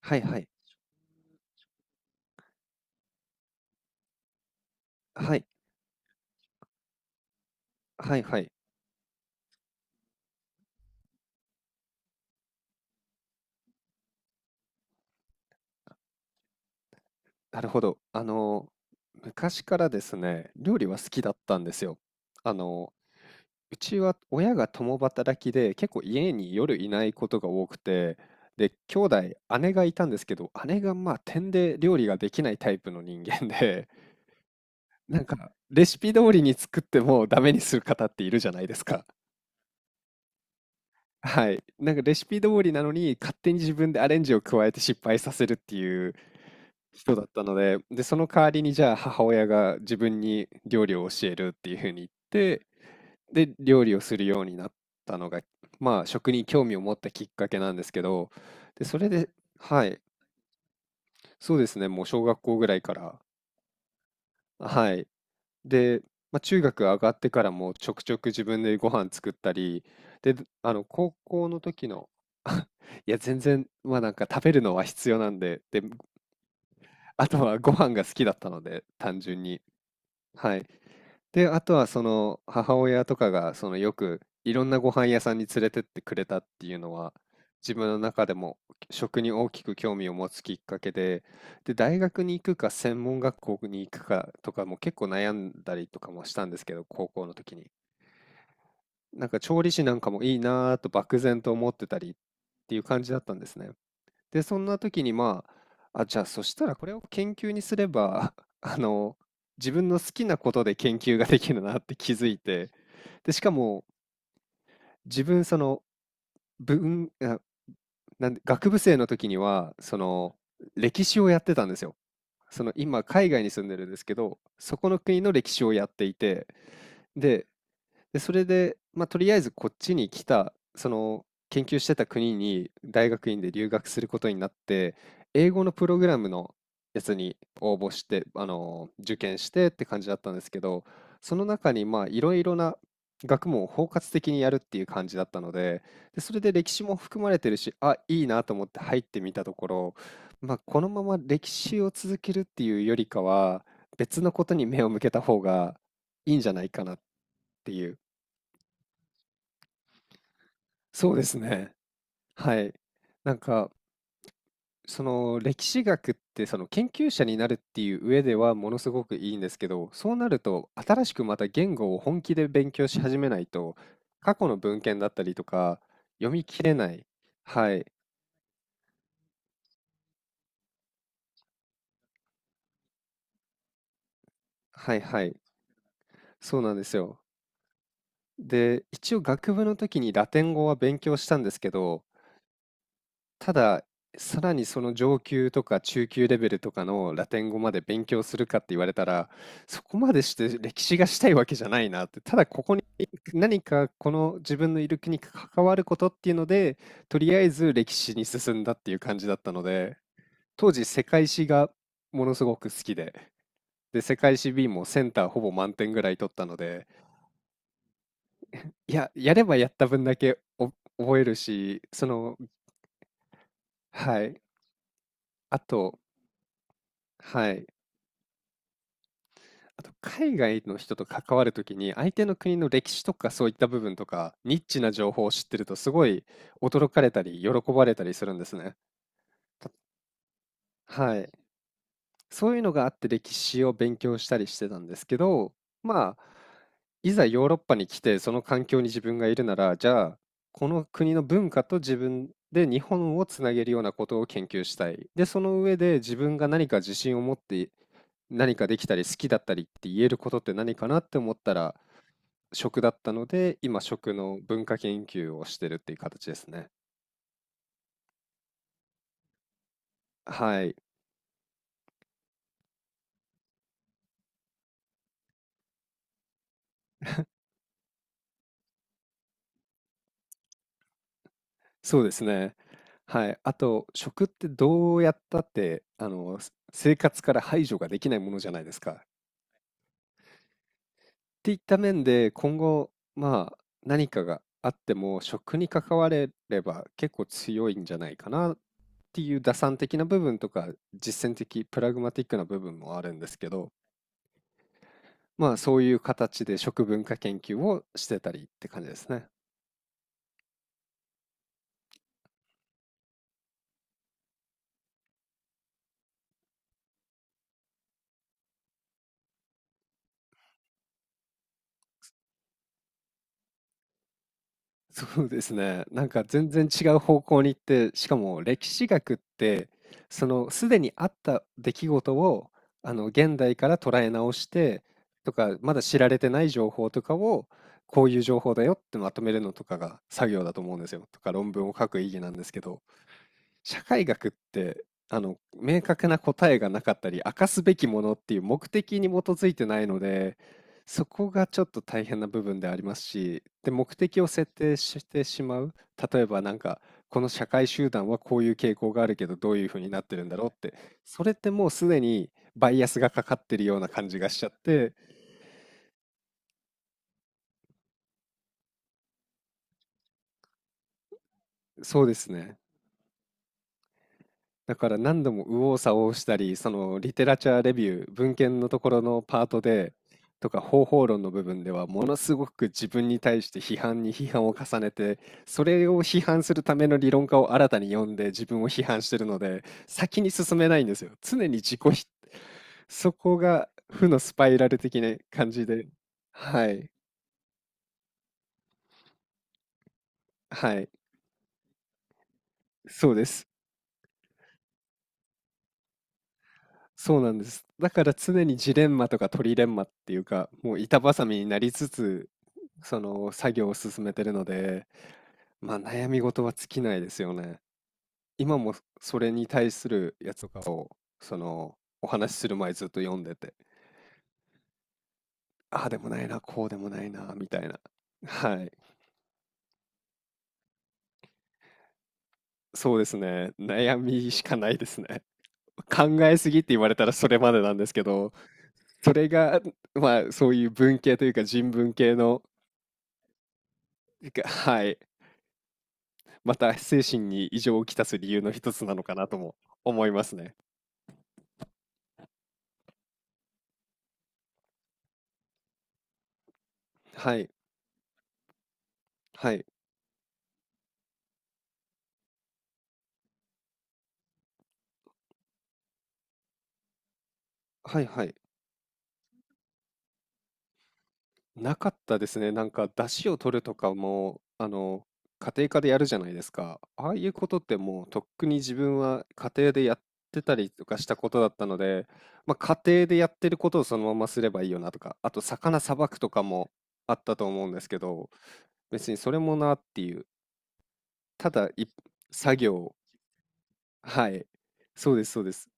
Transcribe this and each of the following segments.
はいはい。はい。はいはい。なるほど。昔からですね、料理は好きだったんですよ。あの、うちは親が共働きで、結構家に夜いないことが多くて、で、兄弟、姉がいたんですけど、姉がまあ、てで料理ができないタイプの人間で、なんかレシピ通りに作ってもダメにする方っているじゃないですか。はい。なんかレシピ通りなのに、勝手に自分でアレンジを加えて失敗させるっていう人だったので、で、その代わりにじゃあ母親が自分に料理を教えるっていうふうに言って、で、料理をするようになったのが、まあ食に興味を持ったきっかけなんですけど、で、それで、はい。そうですね。もう小学校ぐらいから、はい。で、まあ、中学上がってからもちょくちょく自分でご飯作ったり、で、高校の時の、いや、全然、まあなんか食べるのは必要なんで、で、あとはご飯が好きだったので、単純に。はい。で、あとはその母親とかがそのよくいろんなご飯屋さんに連れてってくれたっていうのは、自分の中でも食に大きく興味を持つきっかけで、で、大学に行くか専門学校に行くかとかも結構悩んだりとかもしたんですけど、高校の時に。なんか調理師なんかもいいなぁと漠然と思ってたりっていう感じだったんですね。で、そんな時にまあ、あ、じゃあそしたらこれを研究にすれば、あの、自分の好きなことで研究ができるなって気づいて、で、しかも自分その文、あなんで、学部生の時には、その歴史をやってたんですよ。その今海外に住んでるんですけど、そこの国の歴史をやっていて、で、で、それで、まあ、とりあえずこっちに来た、その、研究してた国に大学院で留学することになって、英語のプログラムのやつに応募して、受験してって感じだったんですけど、その中に、ま、いろいろな学問を包括的にやるっていう感じだったので、で、それで歴史も含まれてるし、あ、いいなと思って入ってみたところ、まあ、このまま歴史を続けるっていうよりかは、別のことに目を向けた方がいいんじゃないかなっていう。そうですね。はい。なんか、その歴史学ってその研究者になるっていう上ではものすごくいいんですけど、そうなると新しくまた言語を本気で勉強し始めないと、過去の文献だったりとか読み切れない。はい。はいはい。そうなんですよ。で、一応学部の時にラテン語は勉強したんですけど、ただ、さらにその上級とか中級レベルとかのラテン語まで勉強するかって言われたら、そこまでして歴史がしたいわけじゃないなって、ただここに何かこの自分のいる国に関わることっていうので、とりあえず歴史に進んだっていう感じだったので、当時世界史がものすごく好きで、で、世界史 B もセンターほぼ満点ぐらい取ったので、いや、やればやった分だけお覚えるし、その、はい、あと、はい。あと、海外の人と関わるときに、相手の国の歴史とかそういった部分とか、ニッチな情報を知ってると、すごい驚かれたり、喜ばれたりするんですね。た、はい。そういうのがあって、歴史を勉強したりしてたんですけど、まあ、いざヨーロッパに来て、その環境に自分がいるなら、じゃあ、この国の文化と自分で日本をつなげるようなことを研究したい。で、その上で自分が何か自信を持って何かできたり好きだったりって言えることって何かなって思ったら、食だったので、今食の文化研究をしてるっていう形ですね。はい、そうですね。はい、あと食ってどうやったって、す生活から排除ができないものじゃないですか。っていった面で、今後、まあ、何かがあっても食に関われれば結構強いんじゃないかなっていう打算的な部分とか、実践的、プラグマティックな部分もあるんですけど、まあ、そういう形で食文化研究をしてたりって感じですね。そうですね。なんか全然違う方向に行って、しかも歴史学って、そのすでにあった出来事を、あの現代から捉え直してとか、まだ知られてない情報とかを、こういう情報だよってまとめるのとかが作業だと思うんですよ。とか論文を書く意義なんですけど、社会学ってあの明確な答えがなかったり明かすべきものっていう目的に基づいてないので、そこがちょっと大変な部分でありますし、で、目的を設定してしまう、例えばなんかこの社会集団はこういう傾向があるけどどういうふうになってるんだろうって、それってもうすでにバイアスがかかってるような感じがしちゃって。そうですね。だから何度も右往左往したり、そのリテラチャーレビュー、文献のところのパートで、とか方法論の部分では、ものすごく自分に対して批判を重ねて、それを批判するための理論家を新たに読んで自分を批判してるので、先に進めないんですよ。常に自己否。そこが負のスパイラル的な感じで。はい。はい。そうです。そうなんです。だから常にジレンマとかトリレンマっていうか、もう板挟みになりつつ、その作業を進めてるので、まあ悩み事は尽きないですよね。今もそれに対するやつとかを、そのお話しする前ずっと読んでて、ああでもないな、こうでもないな、みたいな。はい。そうですね。悩みしかないですね。考えすぎって言われたらそれまでなんですけど、それが、まあそういう文系というか人文系の、がはい。また精神に異常をきたす理由の一つなのかなとも思いますね。はい。はい。はいはい。なかったですね。なんか、出汁を取るとかも、家庭科でやるじゃないですか。ああいうことってもうとっくに自分は家庭でやってたりとかしたことだったので、まあ、家庭でやってることをそのまますればいいよなとか、あと魚さばくとかもあったと思うんですけど、別にそれもなっていう、ただい作業、はい、そうです、そうです。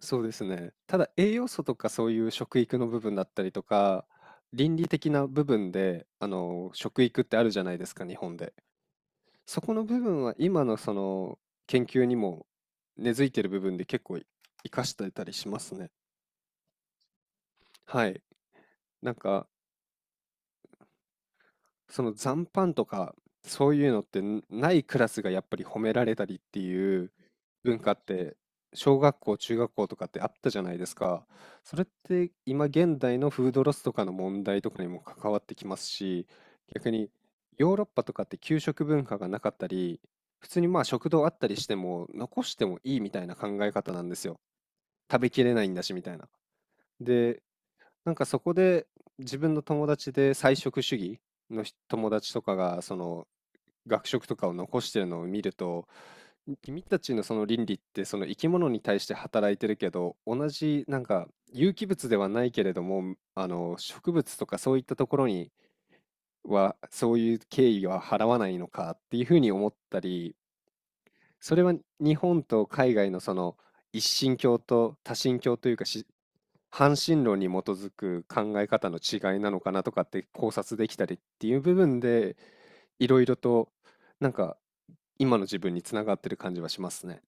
そうですね。ただ栄養素とかそういう食育の部分だったりとか、倫理的な部分で、食育ってあるじゃないですか、日本で。そこの部分は今のその研究にも根付いてる部分で結構活かしてたりしますね。はい。なんかその残飯とか、そういうのってんないクラスがやっぱり褒められたりっていう文化って、小学校、中学校とかってあったじゃないですか。それって今現代のフードロスとかの問題とかにも関わってきますし、逆にヨーロッパとかって給食文化がなかったり、普通にまあ食堂あったりしても残してもいいみたいな考え方なんですよ。食べきれないんだしみたいな。で、なんかそこで、自分の友達で菜食主義の人友達とかが、その、学食とかを残してるのを見ると、君たちのその倫理って、その生き物に対して働いてるけど、同じなんか有機物ではないけれども、植物とかそういったところには、そういう敬意は払わないのかっていうふうに思ったり、それは日本と海外のその一神教と多神教というかし半神論に基づく考え方の違いなのかなとかって考察できたりっていう部分でいろいろとなんか今の自分につながってる感じはしますね。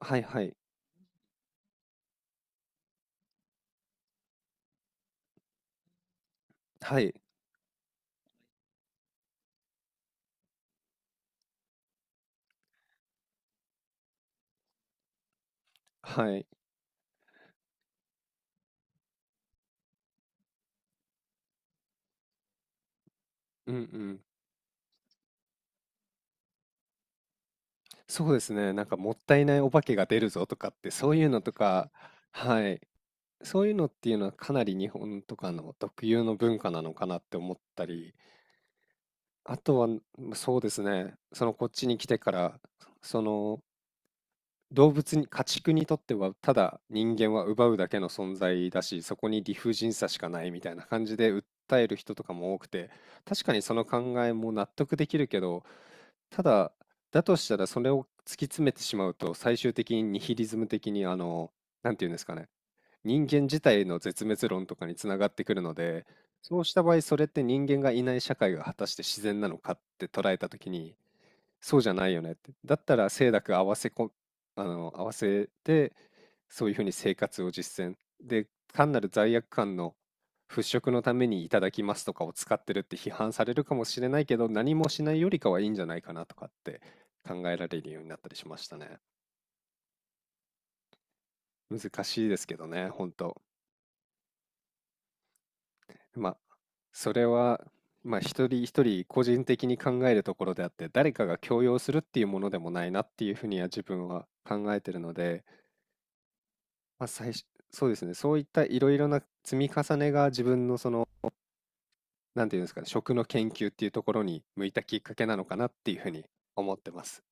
はいはいはいはい。うんうん。そうですね。なんかもったいないお化けが出るぞとかってそういうのとか、はい、そういうのっていうのはかなり日本とかの特有の文化なのかなって思ったり。あとは、そうですね。そのこっちに来てから、その動物に、家畜にとってはただ人間は奪うだけの存在だし、そこに理不尽さしかないみたいな感じで訴える人とかも多くて、確かにその考えも納得できるけど、ただ、だとしたらそれを突き詰めてしまうと、最終的にニヒリズム的になんていうんですかね、人間自体の絶滅論とかにつながってくるので、そうした場合、それって人間がいない社会が果たして自然なのかって捉えたときに、そうじゃないよねって。だったら清濁合わせこ、あの、合わせて、そういうふうに生活を実践。で、単なる罪悪感の払拭のためにいただきますとかを使ってるって批判されるかもしれないけど、何もしないよりかはいいんじゃないかなとかって考えられるようになったりしましたね。難しいですけどね、本当。まあ、それは、まあ、一人一人個人的に考えるところであって、誰かが強要するっていうものでもないなっていうふうには自分は考えてるので、まあ、最初、そうですね、そういったいろいろな積み重ねが自分のその、なんていうんですかね、食の研究っていうところに向いたきっかけなのかなっていうふうに思ってます。